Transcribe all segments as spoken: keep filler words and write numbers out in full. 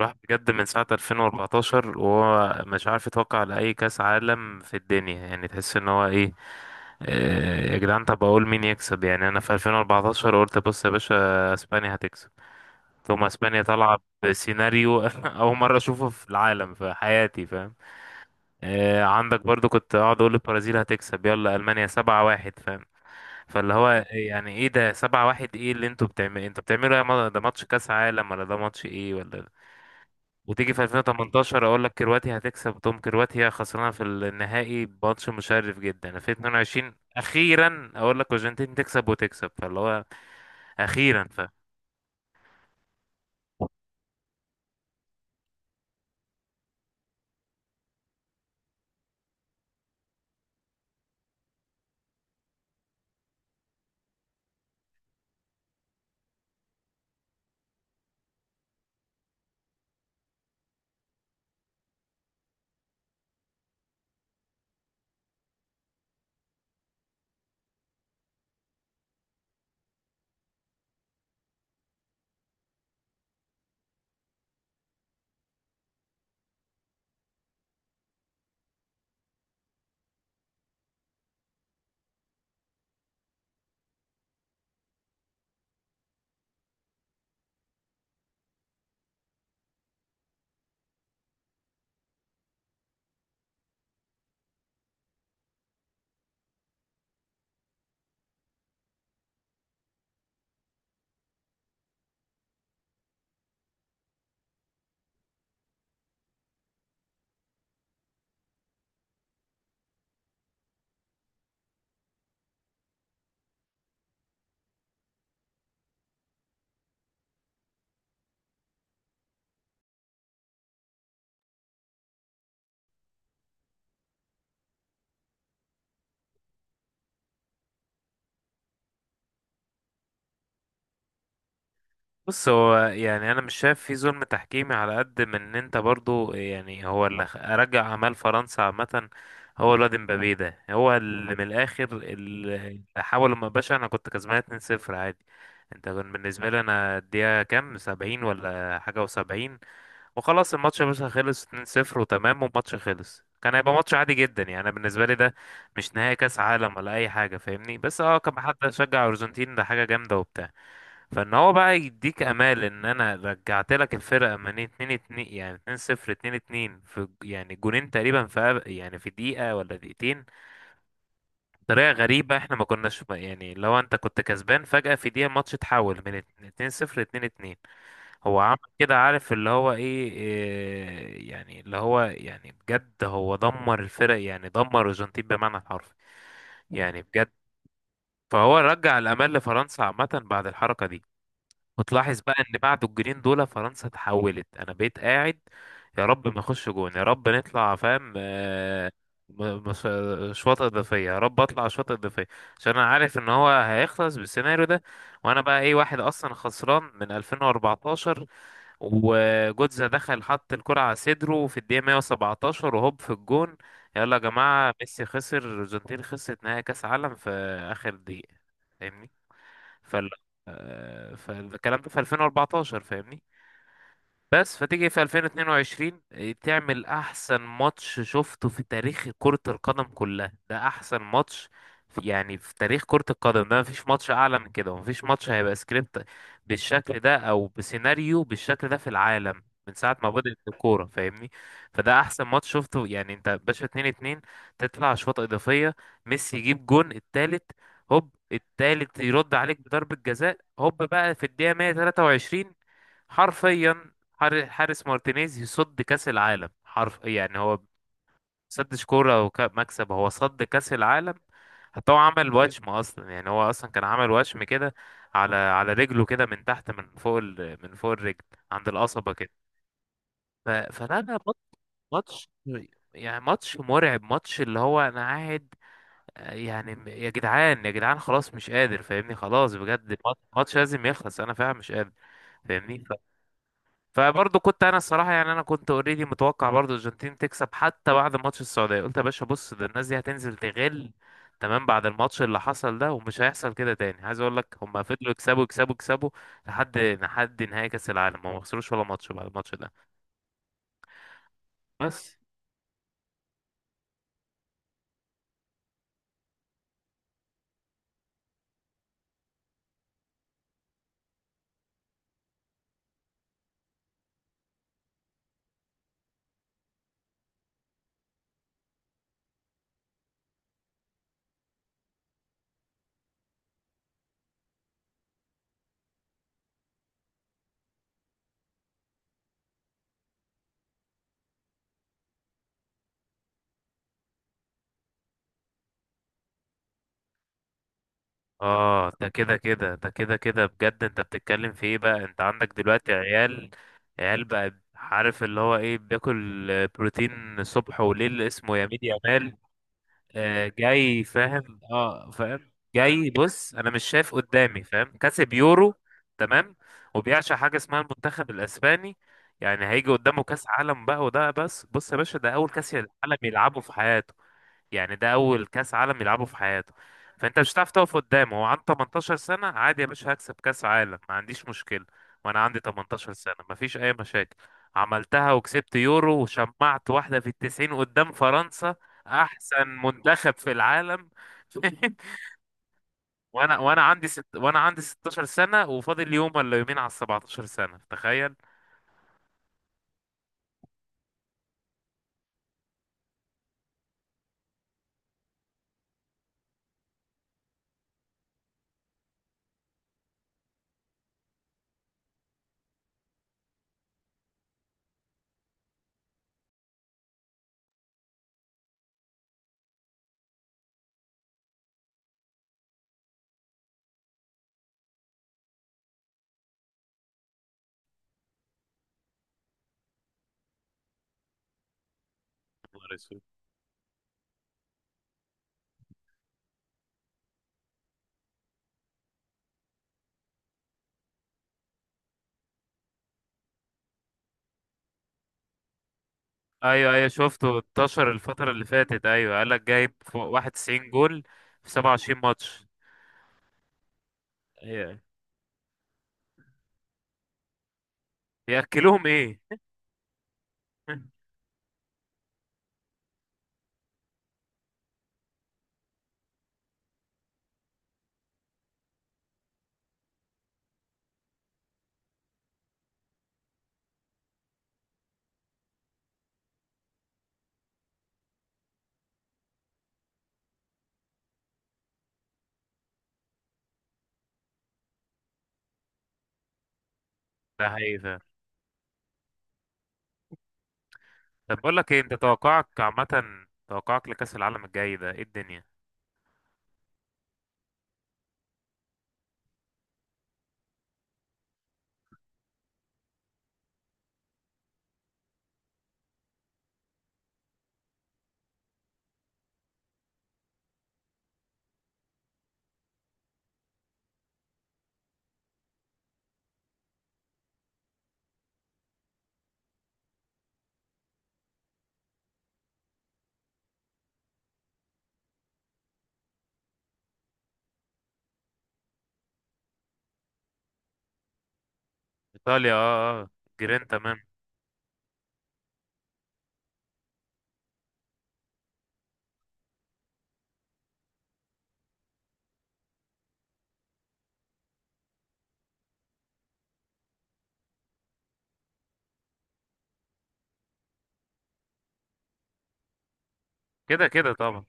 راح بجد من ساعة ألفين وأربعتاشر وهو مش عارف يتوقع لأي كأس عالم في الدنيا، يعني تحس ان هو ايه. آه، يا جدعان، طب اقول مين يكسب؟ يعني انا في ألفين وأربعتاشر قلت بص يا باشا، اسبانيا هتكسب، ثم اسبانيا طالعة بسيناريو اول مرة اشوفه في العالم في حياتي، فاهم. آه، عندك برضو كنت اقعد اقول البرازيل هتكسب، يلا المانيا سبعة واحد فاهم. فاللي هو يعني ايه ده سبعة واحد، ايه اللي انتوا بتعملوا؟ انتوا بتعملوا إيه يا ما- ده ماتش كاس عالم ولا ده ماتش ايه ولا. وتيجي في ألفين وتمنتاشر اقول لك كرواتيا هتكسب، تقوم كرواتيا خسرانه في النهائي بماتش مشرف جدا. في اتنين وعشرين اخيرا اقول لك الارجنتين تكسب وتكسب، فاللي هو اخيرا ف بص هو يعني انا مش شايف في ظلم تحكيمي، على قد من ان انت برضو، يعني هو اللي خ- رجع اعمال فرنسا عامه. هو الواد مبابي ده هو اللي من الاخر اللي حاول. ما باشا انا كنت كسبان اتنين صفر عادي. انت كان بالنسبه لي انا الدقيقه كام، سبعين ولا حاجه و70، وخلاص الماتش يا باشا خلص اتنين صفر وتمام، والماتش خلص كان هيبقى ماتش عادي جدا. يعني انا بالنسبه لي ده مش نهائي كاس عالم ولا اي حاجه فاهمني، بس اه كان حد شجع ارجنتين ده حاجه جامده وبتاع. فان هو بقى يديك امال ان انا رجعت لك الفرقه من اتنين اتنين، يعني اتنين صفر اتنين اتنين، في يعني جونين تقريبا في أب- يعني في دقيقه ولا دقيقتين، بطريقه غريبه. احنا ما كناش يعني، لو انت كنت كسبان فجاه في دقيقه الماتش اتحول من اتنين صفر اتنين اتنين، هو عمل كده. عارف اللي هو ايه إيه، يعني اللي هو يعني بجد هو دمر الفرق، يعني دمر الارجنتين بمعنى الحرفي، يعني بجد. فهو رجع الامال لفرنسا عامه بعد الحركه دي، وتلاحظ بقى ان بعد الجولين دول فرنسا اتحولت. انا بقيت قاعد يا رب ما نخش جون، يا رب نطلع، فاهم. آه، م- مش- شوطة إضافية يا رب، أطلع شوطة إضافية، عشان أنا عارف إن هو هيخلص بالسيناريو ده. وأنا بقى إيه، واحد أصلا خسران من ألفين وأربعتاشر. وجوتزا دخل حط الكرة على صدره في الدقيقة مية وسبعتاشر وهوب في الجون. يلا يا جماعة، ميسي خسر، الأرجنتين خسرت نهائي كأس عالم في آخر دقيقة فاهمني. فال آه، فالكلام ده في ألفين وأربعتاشر فاهمني. بس فتيجي في ألفين واتنين وعشرين تعمل احسن ماتش شفته في تاريخ كرة القدم كلها، ده احسن ماتش في يعني في تاريخ كرة القدم، ده مفيش ماتش اعلى من كده، ومفيش ماتش هيبقى سكريبت بالشكل ده او بسيناريو بالشكل ده في العالم من ساعة ما بدأت الكورة فاهمني. فده احسن ماتش شفته. يعني انت باشا اتنين اتنين، تطلع اشواط اضافية، ميسي يجيب جون التالت، هوب التالت يرد عليك بضربة جزاء، هوب بقى في الدقيقة مية وتلاته وعشرين، حرفيا. حار- حارس مارتينيز يصد كأس العالم، حرف. يعني هو سدش كورة ومكسب، هو صد كأس العالم. حتى هو عمل وشم اصلا، يعني هو اصلا كان عمل وشم كده على على رجله كده من تحت، من فوق ال... من فوق الرجل عند القصبة كده. ف... فلا لا مات- ماتش، يعني ماتش مرعب، ماتش اللي هو انا قاعد آه، يعني م- يا جدعان، يا جدعان، خلاص مش قادر فاهمني، خلاص بجد مات- ماتش لازم يخلص، انا فعلا مش قادر فاهمني. فبرضه كنت انا الصراحه، يعني انا كنت اوريدي متوقع برضه الارجنتين تكسب، حتى بعد ماتش السعوديه قلت يا باشا بص ده الناس دي هتنزل تغل. تمام بعد الماتش اللي حصل ده ومش هيحصل كده تاني عايز اقول لك، هم فضلوا يكسبوا يكسبوا يكسبوا لحد لحد نهائي كاس العالم، هم ما خسروش ولا ماتش بعد الماتش ده. بس اه ده كده كده ده كده كده بجد، انت بتتكلم في ايه بقى؟ انت عندك دلوقتي عيال، عيال بقى عارف اللي هو ايه، بياكل بروتين الصبح وليل اسمه يمين يامال. آه، جاي فاهم، اه فاهم جاي. بص انا مش شايف قدامي فاهم، كسب يورو تمام، وبيعشق حاجه اسمها المنتخب الاسباني، يعني هيجي قدامه كاس عالم بقى، وده بس بص يا باشا ده اول كاس عالم يلعبه في حياته، يعني ده اول كاس عالم يلعبه في حياته. فانت مش هتعرف تقف قدامه، هو عنده 18 سنه عادي يا باشا هكسب كاس عالم ما عنديش مشكله. وانا عندي 18 سنه مفيش اي مشاكل، عملتها وكسبت يورو وشمعت واحده في التسعين قدام فرنسا، احسن منتخب في العالم. وانا وانا عندي ست وانا عندي 16 سنه، وفاضل يوم ولا يومين على ال 17 سنه، تخيل. نهار اسود! ايوه ايوه شفته انتشر الفترة اللي فاتت، ايوه قال لك جايب فوق 91 جول في 27 ماتش. هي ياكلوهم ايه؟ ده حقيقي فعلا. طب بقول لك ايه، انت توقعك عامه، توقعك لكأس العالم الجاي ده ايه الدنيا؟ ايطاليا اه اه، جيرين تمام. كده كده طبعا.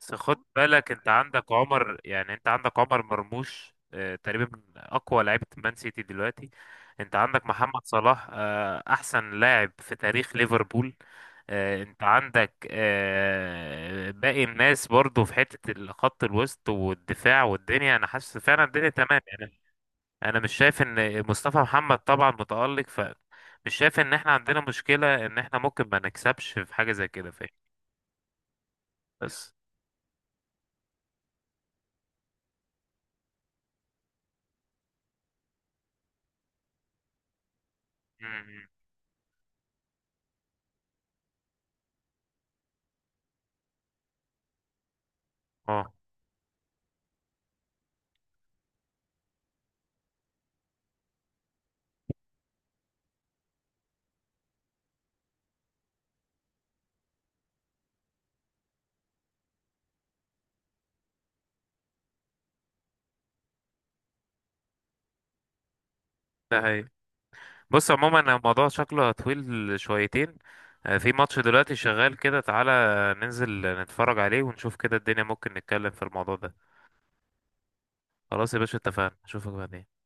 بس خد بالك انت عندك عمر، يعني انت عندك عمر مرموش آه، تقريبا من اقوى لعيبه مان سيتي دلوقتي. انت عندك محمد صلاح آه، احسن لاعب في تاريخ ليفربول. آه، انت عندك آه، باقي الناس برضو في حته الخط الوسط والدفاع، والدنيا انا حاسس فعلا الدنيا تمام يعني. انا مش شايف ان مصطفى محمد طبعا متالق، ف مش شايف ان احنا عندنا مشكله، ان احنا ممكن ما نكسبش في حاجه زي كده فاهم. بس م- م. اه ده هي. بص عموما الموضوع شكله طويل شويتين، آه، في ماتش دلوقتي شغال كده، تعالى ننزل نتفرج عليه ونشوف كده الدنيا، ممكن نتكلم في الموضوع ده. خلاص يا باشا اتفقنا، اشوفك بعدين.